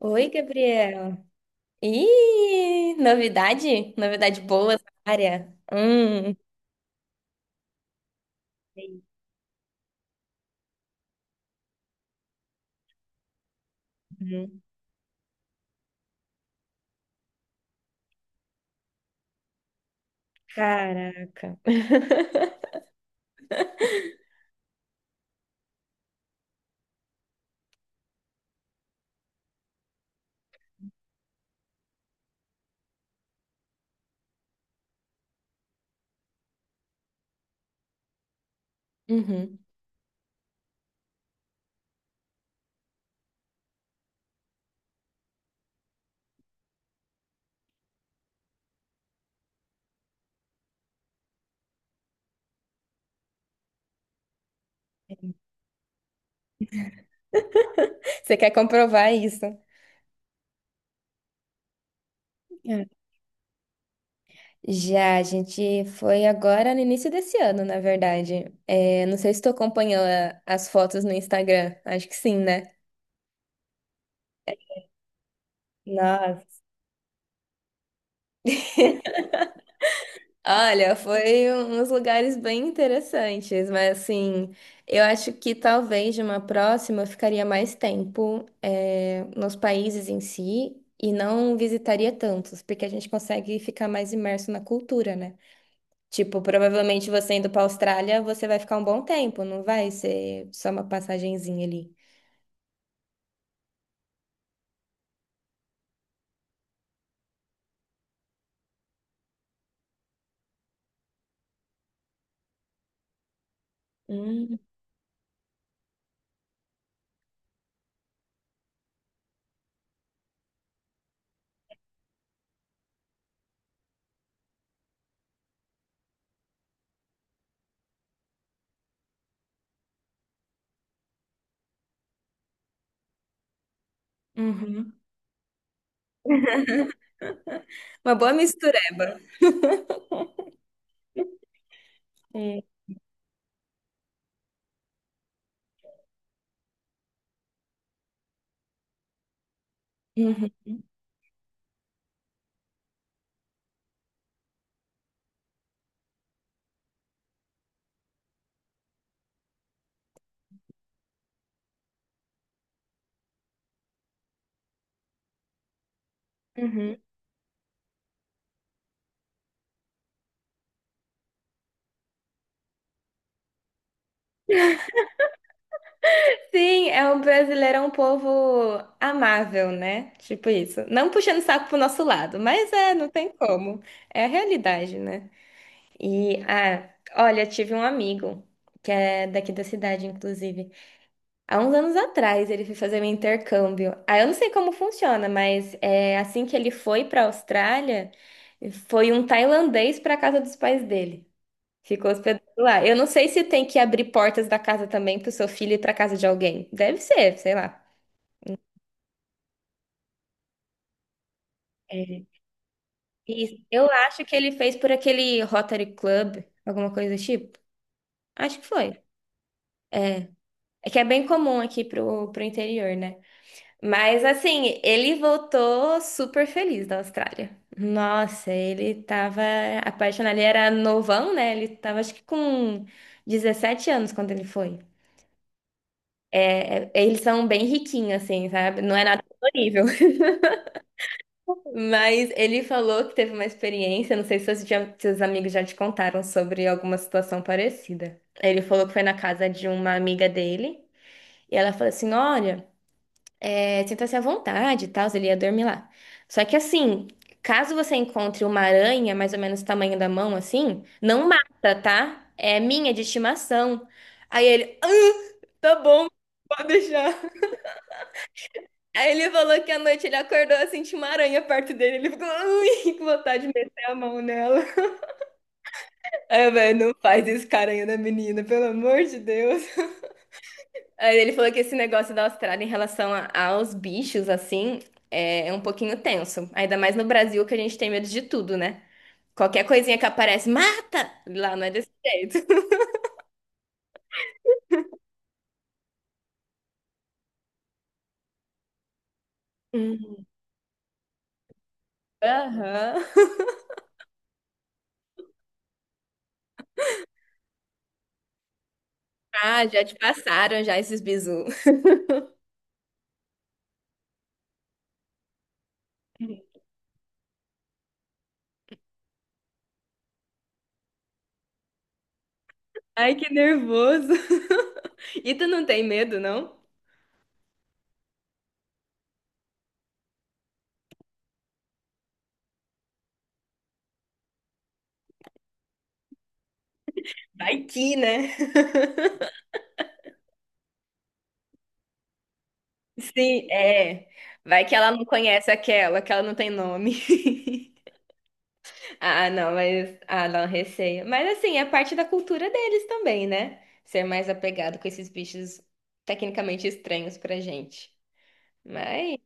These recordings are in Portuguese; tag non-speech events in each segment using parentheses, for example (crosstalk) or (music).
Oi, Gabriel. Ih, novidade? Novidade boa na área. Hum. Uhum. Caraca. (laughs) Uhum. Você quer comprovar isso? É. Já, a gente foi agora no início desse ano, na verdade. É, não sei se tu acompanhou as fotos no Instagram. Acho que sim, né? Nossa. Olha, foi uns lugares bem interessantes, mas assim, eu acho que talvez de uma próxima eu ficaria mais tempo nos países em si e não visitaria tantos, porque a gente consegue ficar mais imerso na cultura, né? Tipo, provavelmente você indo para Austrália, você vai ficar um bom tempo, não vai ser só uma passagenzinha ali. Hum. Uhum. Uma boa mistureba. Hum. Uhum. Uhum. Sim, é um brasileiro, é um povo amável, né? Tipo isso. Não puxando saco pro nosso lado, mas é, não tem como. É a realidade, né? E, ah, olha, tive um amigo, que é daqui da cidade, inclusive. Há uns anos atrás, ele foi fazer um intercâmbio. Ah, eu não sei como funciona, mas é, assim que ele foi pra Austrália, foi um tailandês pra casa dos pais dele. Ficou hospedado lá. Eu não sei se tem que abrir portas da casa também para o seu filho ir para casa de alguém. Deve ser, sei lá. É. Isso. Eu acho que ele fez por aquele Rotary Club, alguma coisa do tipo. Acho que foi. É que é bem comum aqui pro interior, né? Mas assim, ele voltou super feliz da Austrália. Nossa, ele tava apaixonado. Ele era novão, né? Ele tava acho que com 17 anos quando ele foi. Eles são bem riquinhos, assim, sabe? Não é nada. Mas ele falou que teve uma experiência, não sei se seus amigos já te contaram sobre alguma situação parecida. Ele falou que foi na casa de uma amiga dele, e ela falou assim: Olha, sinta-se à vontade e tal, ele ia dormir lá. Só que assim, caso você encontre uma aranha, mais ou menos do tamanho da mão, assim, não mata, tá? É minha de estimação. Aí ele, ah, tá bom, pode deixar. Aí ele falou que à noite ele acordou assim, tinha uma aranha perto dele. Ele ficou, ui, (laughs) com vontade de meter a mão nela. Aí eu, velho, não faz isso com a aranha da menina, pelo amor de Deus. Aí ele falou que esse negócio da Austrália em relação aos bichos, assim, é um pouquinho tenso. Ainda mais no Brasil, que a gente tem medo de tudo, né? Qualquer coisinha que aparece, mata! Lá não é desse jeito. (laughs) Uhum. Aham. Ah, já te passaram já esses bizu. Ai, que nervoso. (laughs) E tu não tem medo, não? Vai que, né? (laughs) Sim, é. Vai que ela não conhece aquela, que ela não tem nome. (laughs) Ah, não, mas. Ah, não, receio. Mas assim, é parte da cultura deles também, né? Ser mais apegado com esses bichos tecnicamente estranhos pra gente. Mas.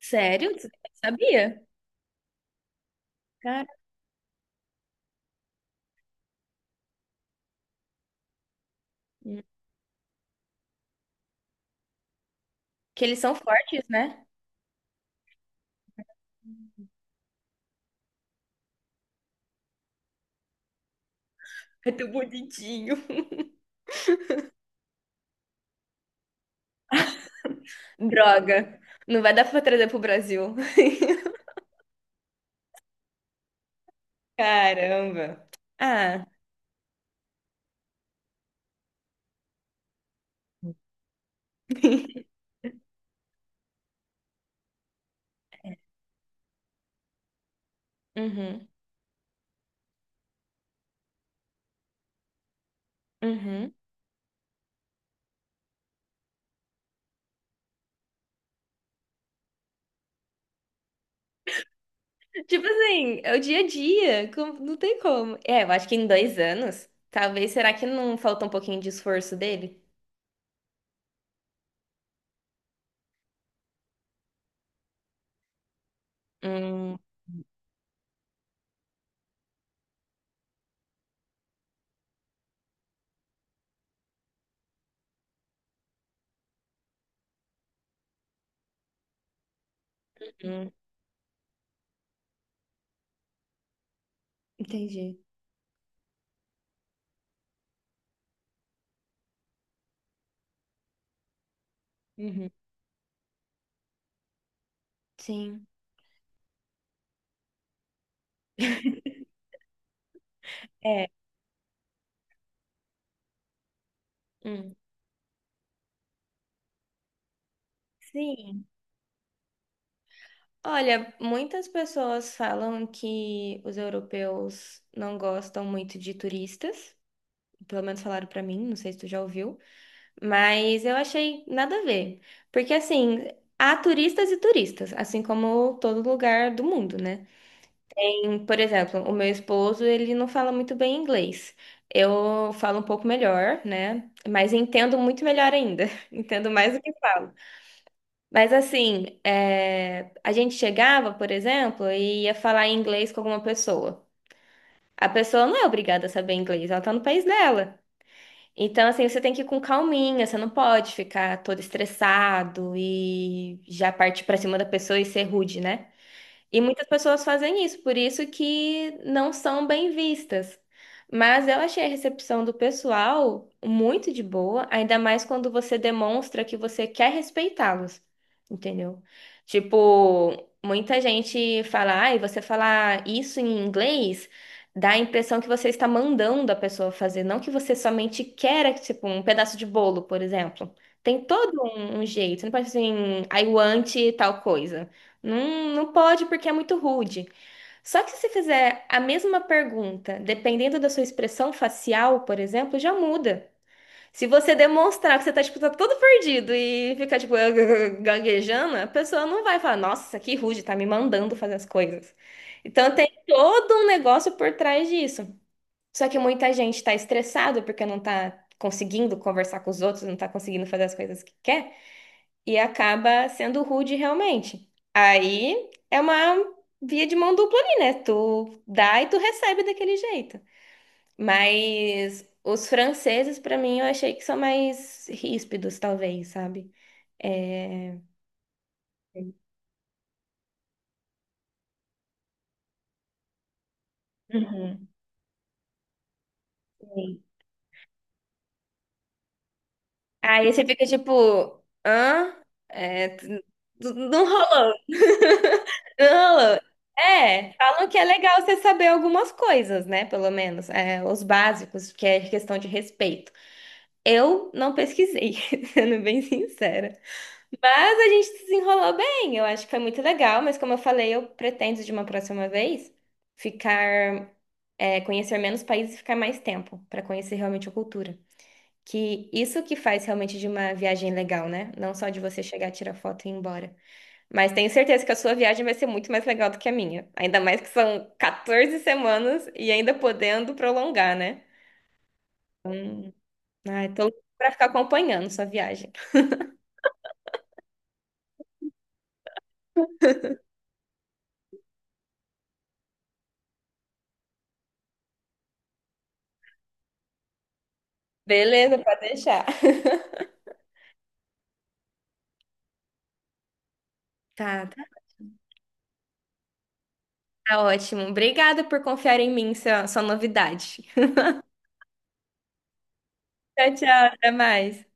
Sério? Você não sabia? Cara. Que eles são fortes, né? (laughs) É tão bonitinho. Droga. Não vai dar pra trazer pro Brasil. (laughs) Caramba. Ah. Uhum. Uhum. Tipo assim, é o dia a dia, não tem como. É, eu acho que em dois anos, talvez, será que não falta um pouquinho de esforço dele? Hum, hum, entendi. Uhum. Sim. (laughs) É. Hum. Sim. Olha, muitas pessoas falam que os europeus não gostam muito de turistas. Pelo menos falaram pra mim, não sei se tu já ouviu. Mas eu achei nada a ver. Porque, assim, há turistas e turistas, assim como todo lugar do mundo, né? Tem, por exemplo, o meu esposo, ele não fala muito bem inglês. Eu falo um pouco melhor, né? Mas entendo muito melhor ainda. (laughs) Entendo mais do que falo. Mas, assim, a gente chegava, por exemplo, e ia falar em inglês com alguma pessoa. A pessoa não é obrigada a saber inglês, ela tá no país dela. Então, assim, você tem que ir com calminha, você não pode ficar todo estressado e já partir pra cima da pessoa e ser rude, né? E muitas pessoas fazem isso, por isso que não são bem vistas. Mas eu achei a recepção do pessoal muito de boa, ainda mais quando você demonstra que você quer respeitá-los, entendeu? Tipo, muita gente fala, ai, você falar isso em inglês dá a impressão que você está mandando a pessoa fazer, não que você somente quer, tipo, um pedaço de bolo, por exemplo. Tem todo um jeito, você não pode ser assim, I want tal coisa. Não, não pode porque é muito rude. Só que se você fizer a mesma pergunta, dependendo da sua expressão facial, por exemplo, já muda. Se você demonstrar que você tá, tipo, tá todo perdido e ficar, tipo, (laughs) gaguejando, a pessoa não vai falar, nossa, que rude, tá me mandando fazer as coisas. Então tem todo um negócio por trás disso. Só que muita gente tá estressado porque não tá conseguindo conversar com os outros, não tá conseguindo fazer as coisas que quer e acaba sendo rude realmente. Aí é uma via de mão dupla ali, né? Tu dá e tu recebe daquele jeito. Mas os franceses, pra mim, eu achei que são mais ríspidos, talvez, sabe? É... Uhum. Sim. Aí você fica tipo, hã? É, não rolou. (laughs) Não rolou. É, falam que é legal você saber algumas coisas, né? Pelo menos, os básicos, que é questão de respeito. Eu não pesquisei, (laughs) sendo bem sincera. Mas a gente desenrolou bem. Eu acho que foi muito legal, mas como eu falei, eu pretendo de uma próxima vez ficar, conhecer menos países e ficar mais tempo para conhecer realmente a cultura. Que isso que faz realmente de uma viagem legal, né? Não só de você chegar, tirar foto e ir embora. Mas tenho certeza que a sua viagem vai ser muito mais legal do que a minha. Ainda mais que são 14 semanas e ainda podendo prolongar, né? Ai, tô para ficar acompanhando sua viagem. Beleza, pode deixar. (laughs) Tá, tá, tá ótimo. Obrigada por confiar em mim, sua novidade. Tchau, tchau, até mais.